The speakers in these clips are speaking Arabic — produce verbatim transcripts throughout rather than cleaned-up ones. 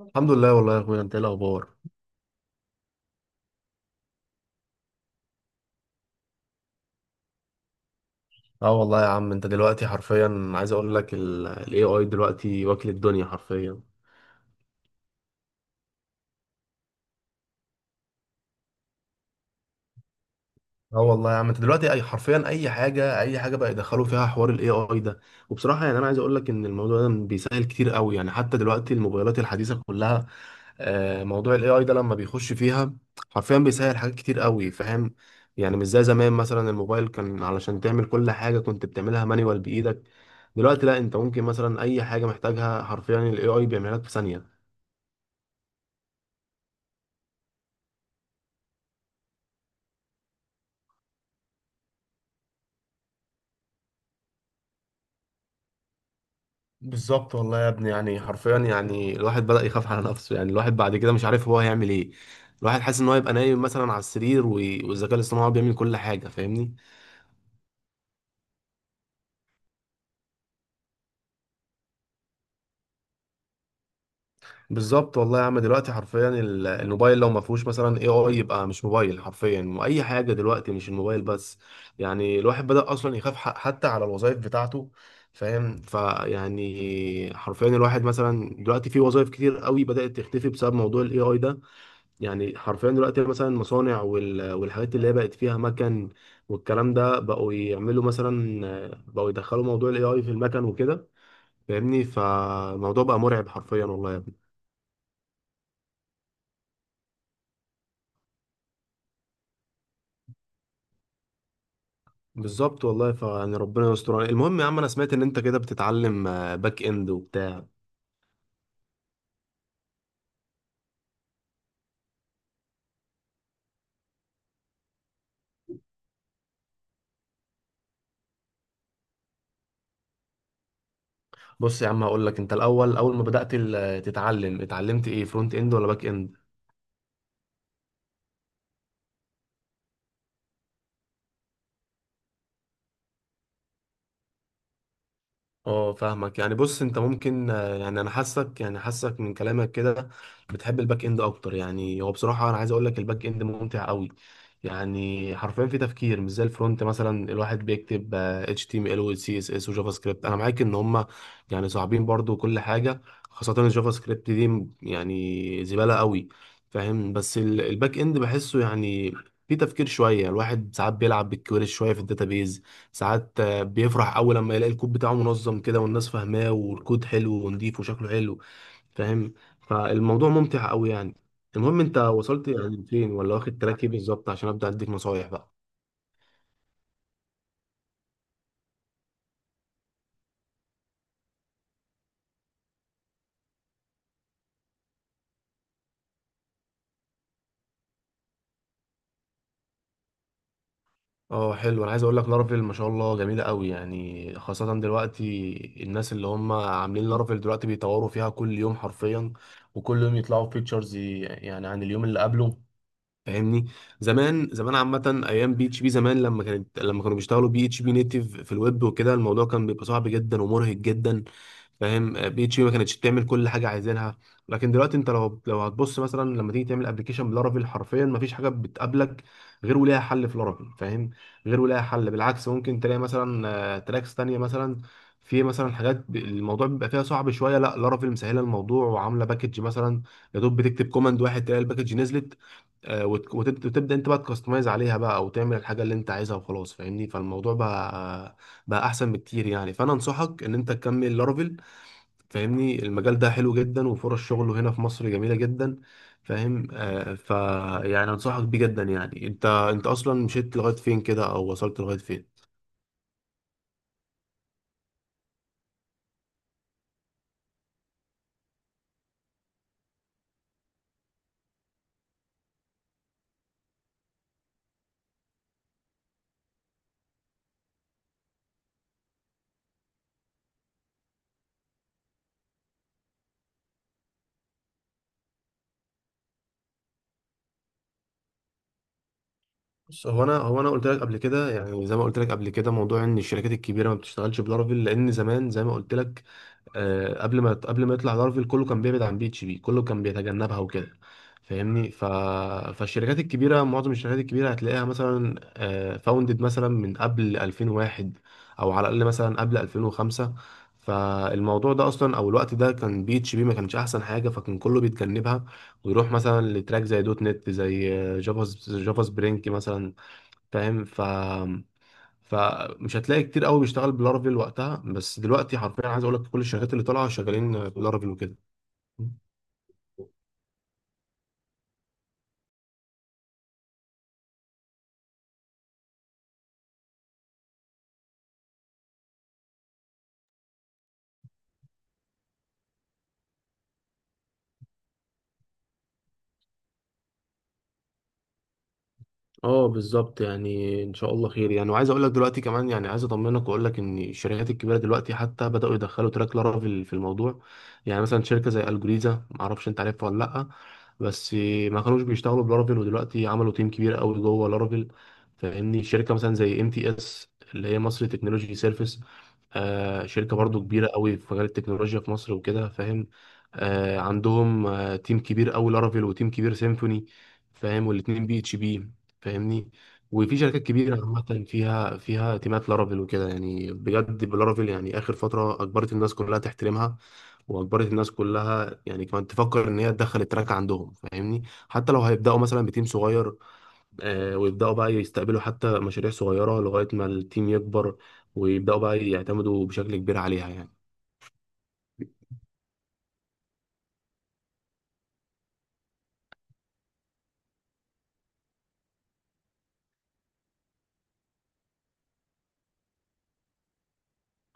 الحمد لله والله يا اخويا، انت ايه الاخبار؟ اه والله يا عم، انت دلوقتي حرفيا عايز اقول لك الاي اي دلوقتي واكل الدنيا حرفيا. اه والله يا عم، انت دلوقتي اي حرفيا، اي حاجه اي حاجه بقى يدخلوا فيها حوار الاي اي ده. وبصراحه يعني انا عايز اقول لك ان الموضوع ده بيسهل كتير قوي، يعني حتى دلوقتي الموبايلات الحديثه كلها، آه، موضوع الاي اي ده لما بيخش فيها حرفيا بيسهل حاجات كتير قوي. فاهم؟ يعني مش زي زمان مثلا، الموبايل كان علشان تعمل كل حاجه كنت بتعملها مانيوال بايدك. دلوقتي لا، انت ممكن مثلا اي حاجه محتاجها حرفيا الاي اي بيعملها لك في ثانيه. بالظبط والله يا ابني، يعني حرفيا يعني الواحد بدأ يخاف على نفسه، يعني الواحد بعد كده مش عارف هو هيعمل ايه. الواحد حاسس ان هو يبقى نايم مثلا على السرير و- والذكاء الاصطناعي بيعمل كل حاجة. فاهمني؟ بالظبط والله يا عم، دلوقتي حرفيا ال- الموبايل لو ما فيهوش مثلا اي اي يبقى مش موبايل حرفيا، واي حاجة دلوقتي مش الموبايل بس. يعني الواحد بدأ اصلا يخاف ح- حتى على الوظائف بتاعته. فاهم؟ فيعني حرفيا الواحد مثلا دلوقتي في وظائف كتير قوي بدأت تختفي بسبب موضوع الاي اي ده. يعني حرفيا دلوقتي مثلا المصانع وال- والحاجات اللي هي بقت فيها مكن والكلام ده، بقوا يعملوا مثلا، بقوا يدخلوا موضوع الاي اي في المكن وكده. فاهمني؟ فالموضوع بقى مرعب حرفيا والله يا ابني. بالظبط والله، فيعني ربنا يستر. المهم يا عم، انا سمعت ان انت كده بتتعلم باك اند وبتاع. بص يا عم، هقول لك انت الاول، اول ما بدأت ال- تتعلم، اتعلمت ايه، فرونت اند ولا باك اند؟ اه فاهمك. يعني بص، انت ممكن آه، يعني انا حاسك، يعني حاسك من كلامك كده بتحب الباك اند اكتر. يعني هو بصراحه انا عايز اقول لك الباك اند ممتع قوي، يعني حرفيا في تفكير. مش زي الفرونت مثلا، الواحد بيكتب آه، اتش تي ام ال وسي اس اس وجافا سكريبت. انا معاك ان هم يعني صعبين برضو كل حاجه، خاصه الجافا سكريبت دي م- يعني زباله قوي. فاهم؟ بس ال- الباك اند بحسه يعني في تفكير شويه. الواحد ساعات بيلعب بالكويري شويه في الداتابيز. ساعات بيفرح اول لما يلاقي الكود بتاعه منظم كده والناس فاهماه، والكود حلو ونضيف وشكله حلو. فاهم؟ فالموضوع ممتع قوي يعني. المهم، انت وصلت يعني فين؟ ولا واخد تراك ايه بالظبط عشان ابدا اديك نصايح بقى؟ اه حلو. انا عايز اقول لك لارافيل ما شاء الله جميله قوي، يعني خاصه دلوقتي الناس اللي هم عاملين لارافيل دلوقتي بيطوروا فيها كل يوم حرفيا، وكل يوم يطلعوا فيتشرز يعني عن اليوم اللي قبله. فاهمني؟ زمان زمان عامه ايام بي اتش بي زمان، لما كانت لما كانوا بيشتغلوا بي اتش بي نيتيف في الويب وكده، الموضوع كان بيبقى صعب جدا ومرهق جدا. فاهم؟ بي اتش بي ما كانتش بتعمل كل حاجه عايزينها. لكن دلوقتي انت لو لو هتبص مثلا لما تيجي تعمل ابلكيشن بلارافيل، حرفيا ما فيش حاجه بتقابلك غير وليها حل في لارافيل. فاهم؟ غير وليها حل. بالعكس ممكن تلاقي مثلا آه، تراكس تانية. مثلا في مثلا حاجات، ب- الموضوع بيبقى فيها صعب شويه، لا لارافيل مسهله الموضوع وعامله باكج مثلا. يا دوب بتكتب كوماند واحد، تلاقي الباكج نزلت. آه، وت- وتبدا وتبدأ انت بقى تكستمايز عليها بقى وتعمل الحاجه اللي انت عايزها وخلاص. فاهمني؟ فالموضوع بقى بقى احسن بكتير يعني. فانا انصحك ان انت تكمل لارافيل. فاهمني؟ المجال ده حلو جدا وفرص شغله هنا في مصر جميله جدا. فاهم؟ آه ف يعني انصحك بيه جدا. يعني انت، انت اصلا مشيت لغايه فين كده او وصلت لغايه فين؟ بص، هو انا هو انا قلت لك قبل كده، يعني زي ما قلت لك قبل كده، موضوع ان الشركات الكبيره ما بتشتغلش بلارافيل. لان زمان، زي ما قلت لك، آه، قبل ما قبل ما يطلع لارفيل كله كان بيبعد عن بي اتش بي، كله كان بيتجنبها وكده. فاهمني؟ ف... فالشركات الكبيره، معظم الشركات الكبيره هتلاقيها مثلا فاوندد مثلا من قبل ألفين وواحد، او على الاقل مثلا قبل ألفين وخمسة. فالموضوع ده اصلا، او الوقت ده، كان بي اتش بي ما كانش احسن حاجه، فكان كله بيتجنبها ويروح مثلا لتراك زي دوت نت، زي آه، جافا جافا سبرينج مثلا. فاهم؟ ف فمش هتلاقي كتير قوي بيشتغل بلارافيل وقتها. بس دلوقتي حرفيا عايز اقول لك كل الشركات اللي طالعه شغالين بلارافيل وكده. اه بالظبط. يعني ان شاء الله خير. يعني وعايز اقول لك دلوقتي كمان، يعني عايز اطمنك واقول لك ان الشركات الكبيره دلوقتي حتى بداوا يدخلوا تراك لارافيل في الموضوع. يعني مثلا شركه زي الجوريزا، ما اعرفش انت عارفها ولا لا، بس ما كانوش بيشتغلوا بلارافيل ودلوقتي عملوا تيم كبير قوي جوه لارافيل. فاهمني؟ شركه مثلا زي ام تي اس، اللي هي مصر تكنولوجي سيرفيس، آه شركه برضو كبيره قوي في مجال التكنولوجيا في مصر وكده. فاهم؟ آه عندهم آه تيم كبير قوي لارافيل وتيم كبير سيمفوني. فاهم؟ والاتنين بي اتش بي. فاهمني؟ وفي شركات كبيرة عامة فيها فيها تيمات لارافيل وكده يعني. بجد بلارافيل يعني آخر فترة أجبرت الناس كلها تحترمها، وأجبرت الناس كلها يعني كمان تفكر إن هي تدخل التراك عندهم. فاهمني؟ حتى لو هيبدأوا مثلا بتيم صغير، آه ويبدأوا بقى يستقبلوا حتى مشاريع صغيرة لغاية ما التيم يكبر، ويبدأوا بقى يعتمدوا بشكل كبير عليها يعني.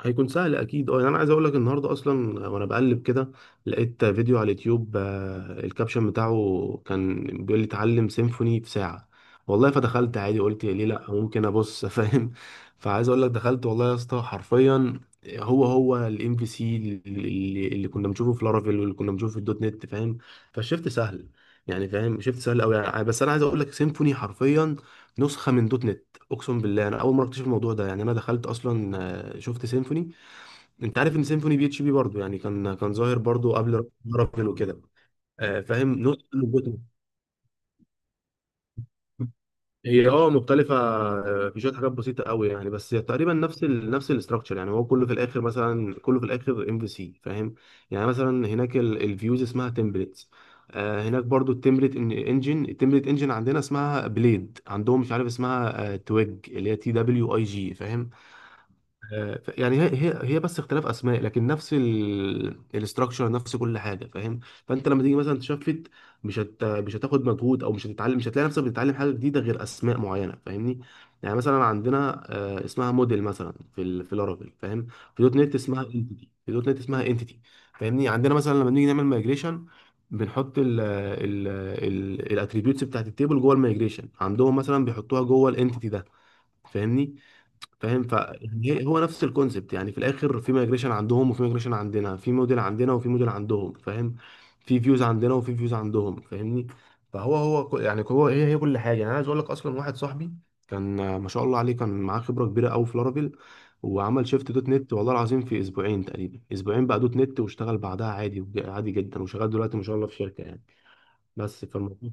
هيكون سهل اكيد. اه يعني انا عايز اقول لك النهارده اصلا وانا بقلب كده لقيت فيديو على اليوتيوب، آه، الكابشن بتاعه كان بيقول لي: اتعلم سيمفوني في ساعه. والله فدخلت عادي، قلت ليه لا، ممكن ابص فاهم؟ فعايز اقول لك دخلت والله يا اسطى حرفيا، هو هو الام في سي اللي اللي كنا بنشوفه في لارافيل واللي كنا بنشوفه في الدوت نت. فاهم؟ فالشفت سهل يعني. فاهم؟ شفت سهل قوي يعني. بس انا عايز اقول لك سيمفوني حرفيا نسخه من دوت نت. اقسم بالله انا اول مره اكتشف الموضوع ده. يعني انا دخلت اصلا آه، شفت سيمفوني. انت عارف ان سيمفوني بي اتش بي برضه يعني، كان كان ظاهر برضه قبل رافل وكده. آه، فاهم نص اللوجو. هي اه مختلفة، آه، في شوية حاجات بسيطة قوي يعني، بس تقريبا نفس ال نفس الاستراكشر. يعني هو كله في الآخر مثلا، كله في الآخر ام في سي. فاهم؟ يعني مثلا هناك الفيوز اسمها تمبلتس. هناك برضو التمبلت انجن، التمبلت انجن عندنا اسمها بليد، عندهم مش عارف اسمها تويج، اللي هي تي دبليو اي جي. فاهم؟ آه، ف- يعني هي هي هي بس اختلاف اسماء، لكن نفس الاستراكشر، نفس كل حاجه. فاهم؟ فانت لما تيجي مثلا تشفت، مش هت مش هتاخد مجهود، او مش هتتعلم، مش هتلاقي نفسك بتتعلم حاجه جديده غير اسماء معينه. فاهمني؟ يعني مثلا عندنا آه، اسمها موديل مثلا في ال... في لارافيل. فاهم؟ في دوت نت اسمها انتيتي في دوت نت اسمها انتيتي. فاهمني؟ عندنا مثلا لما بنيجي نعمل مايجريشن بنحط ال ال ال الاتريبيوتس بتاعت التيبل جوه المايجريشن، عندهم مثلا بيحطوها جوه الانتيتي ده. فاهمني؟ فاهم؟ ف يعني هي- هو نفس الكونسبت. يعني في الاخر في مigration عندهم وفي migration عندنا، في موديل عندنا وفي موديل عندهم. فاهم؟ في فيوز عندنا وفي فيوز عندهم. فاهمني؟ فهو هو ك- يعني هو هي هي كل حاجه. يعني انا عايز اقول لك اصلا واحد صاحبي كان آه، ما شاء الله عليه، كان معاه خبره كبيره قوي في لارافيل، وعمل شيفت دوت نت والله العظيم في اسبوعين تقريبا. اسبوعين بقى دوت نت، واشتغل بعدها عادي عادي جدا، وشغال دلوقتي ما شاء الله في شركه يعني. بس فالموضوع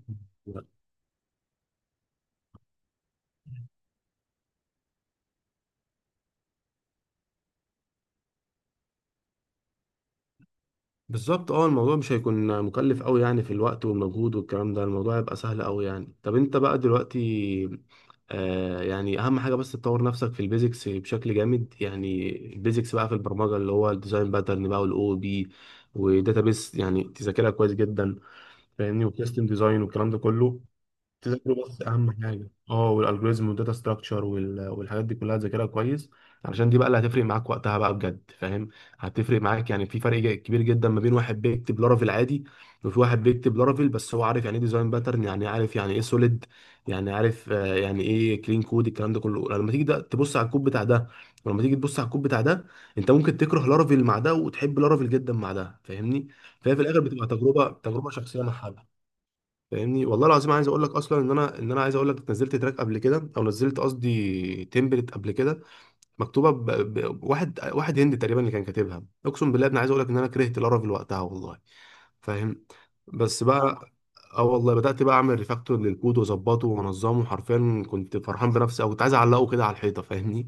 بالظبط. اه الموضوع مش هيكون مكلف قوي يعني في الوقت والمجهود والكلام ده، الموضوع هيبقى سهل قوي يعني. طب انت بقى دلوقتي، آه يعني اهم حاجه بس تطور نفسك في البيزكس بشكل جامد. يعني البيزكس بقى في البرمجه اللي هو الديزاين باترن بقى، والاو بي، وداتابيس، يعني تذاكرها كويس جدا. فاهمني؟ وسيستم ديزاين والكلام ده كله تذاكره. بس اهم حاجه اه والالجوريزم والداتا ستراكشر والحاجات دي كلها تذاكرها كويس علشان دي بقى اللي هتفرق معاك وقتها بقى بجد. فاهم؟ هتفرق معاك يعني. في فرق جا- كبير جدا ما بين واحد بيكتب لارافيل عادي، وفي واحد بيكتب لارافيل بس هو عارف يعني ايه ديزاين باترن، يعني عارف يعني ايه سوليد، يعني عارف آه، يعني ايه كلين كود. الكلام ده كله، لما تيجي ده تبص على الكود بتاع ده ولما تيجي تبص على الكود بتاع ده، انت ممكن تكره لارافيل مع ده وتحب لارافيل جدا مع ده. فاهمني؟ فهي في الاخر بتبقى تجربه تجربه شخصيه مع حد. فاهمني؟ والله العظيم عايز اقول لك اصلا ان انا ان انا عايز اقول لك نزلت تراك قبل كده، او نزلت قصدي تمبلت قبل كده، مكتوبه ب... ب... واحد واحد هندي تقريبا اللي كان كاتبها. اقسم بالله انا عايز اقول لك ان انا كرهت لارافيل وقتها والله. فاهم؟ بس بقى اه والله بدات بقى اعمل ريفاكتور للكود واظبطه وانظمه حرفيا. كنت فرحان بنفسي، او كنت عايز اعلقه كده على الحيطه. فاهمني؟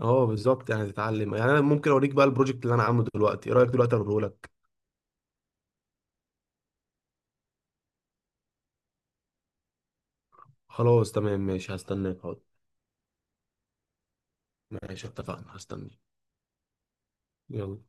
اه بالظبط. يعني تتعلم. يعني انا ممكن اوريك بقى البروجكت اللي انا عامله دلوقتي، ايه رايك دلوقتي اوريه لك؟ خلاص تمام ماشي، هستناك حاضر. ماشي اتفقنا، هستناك. يلا.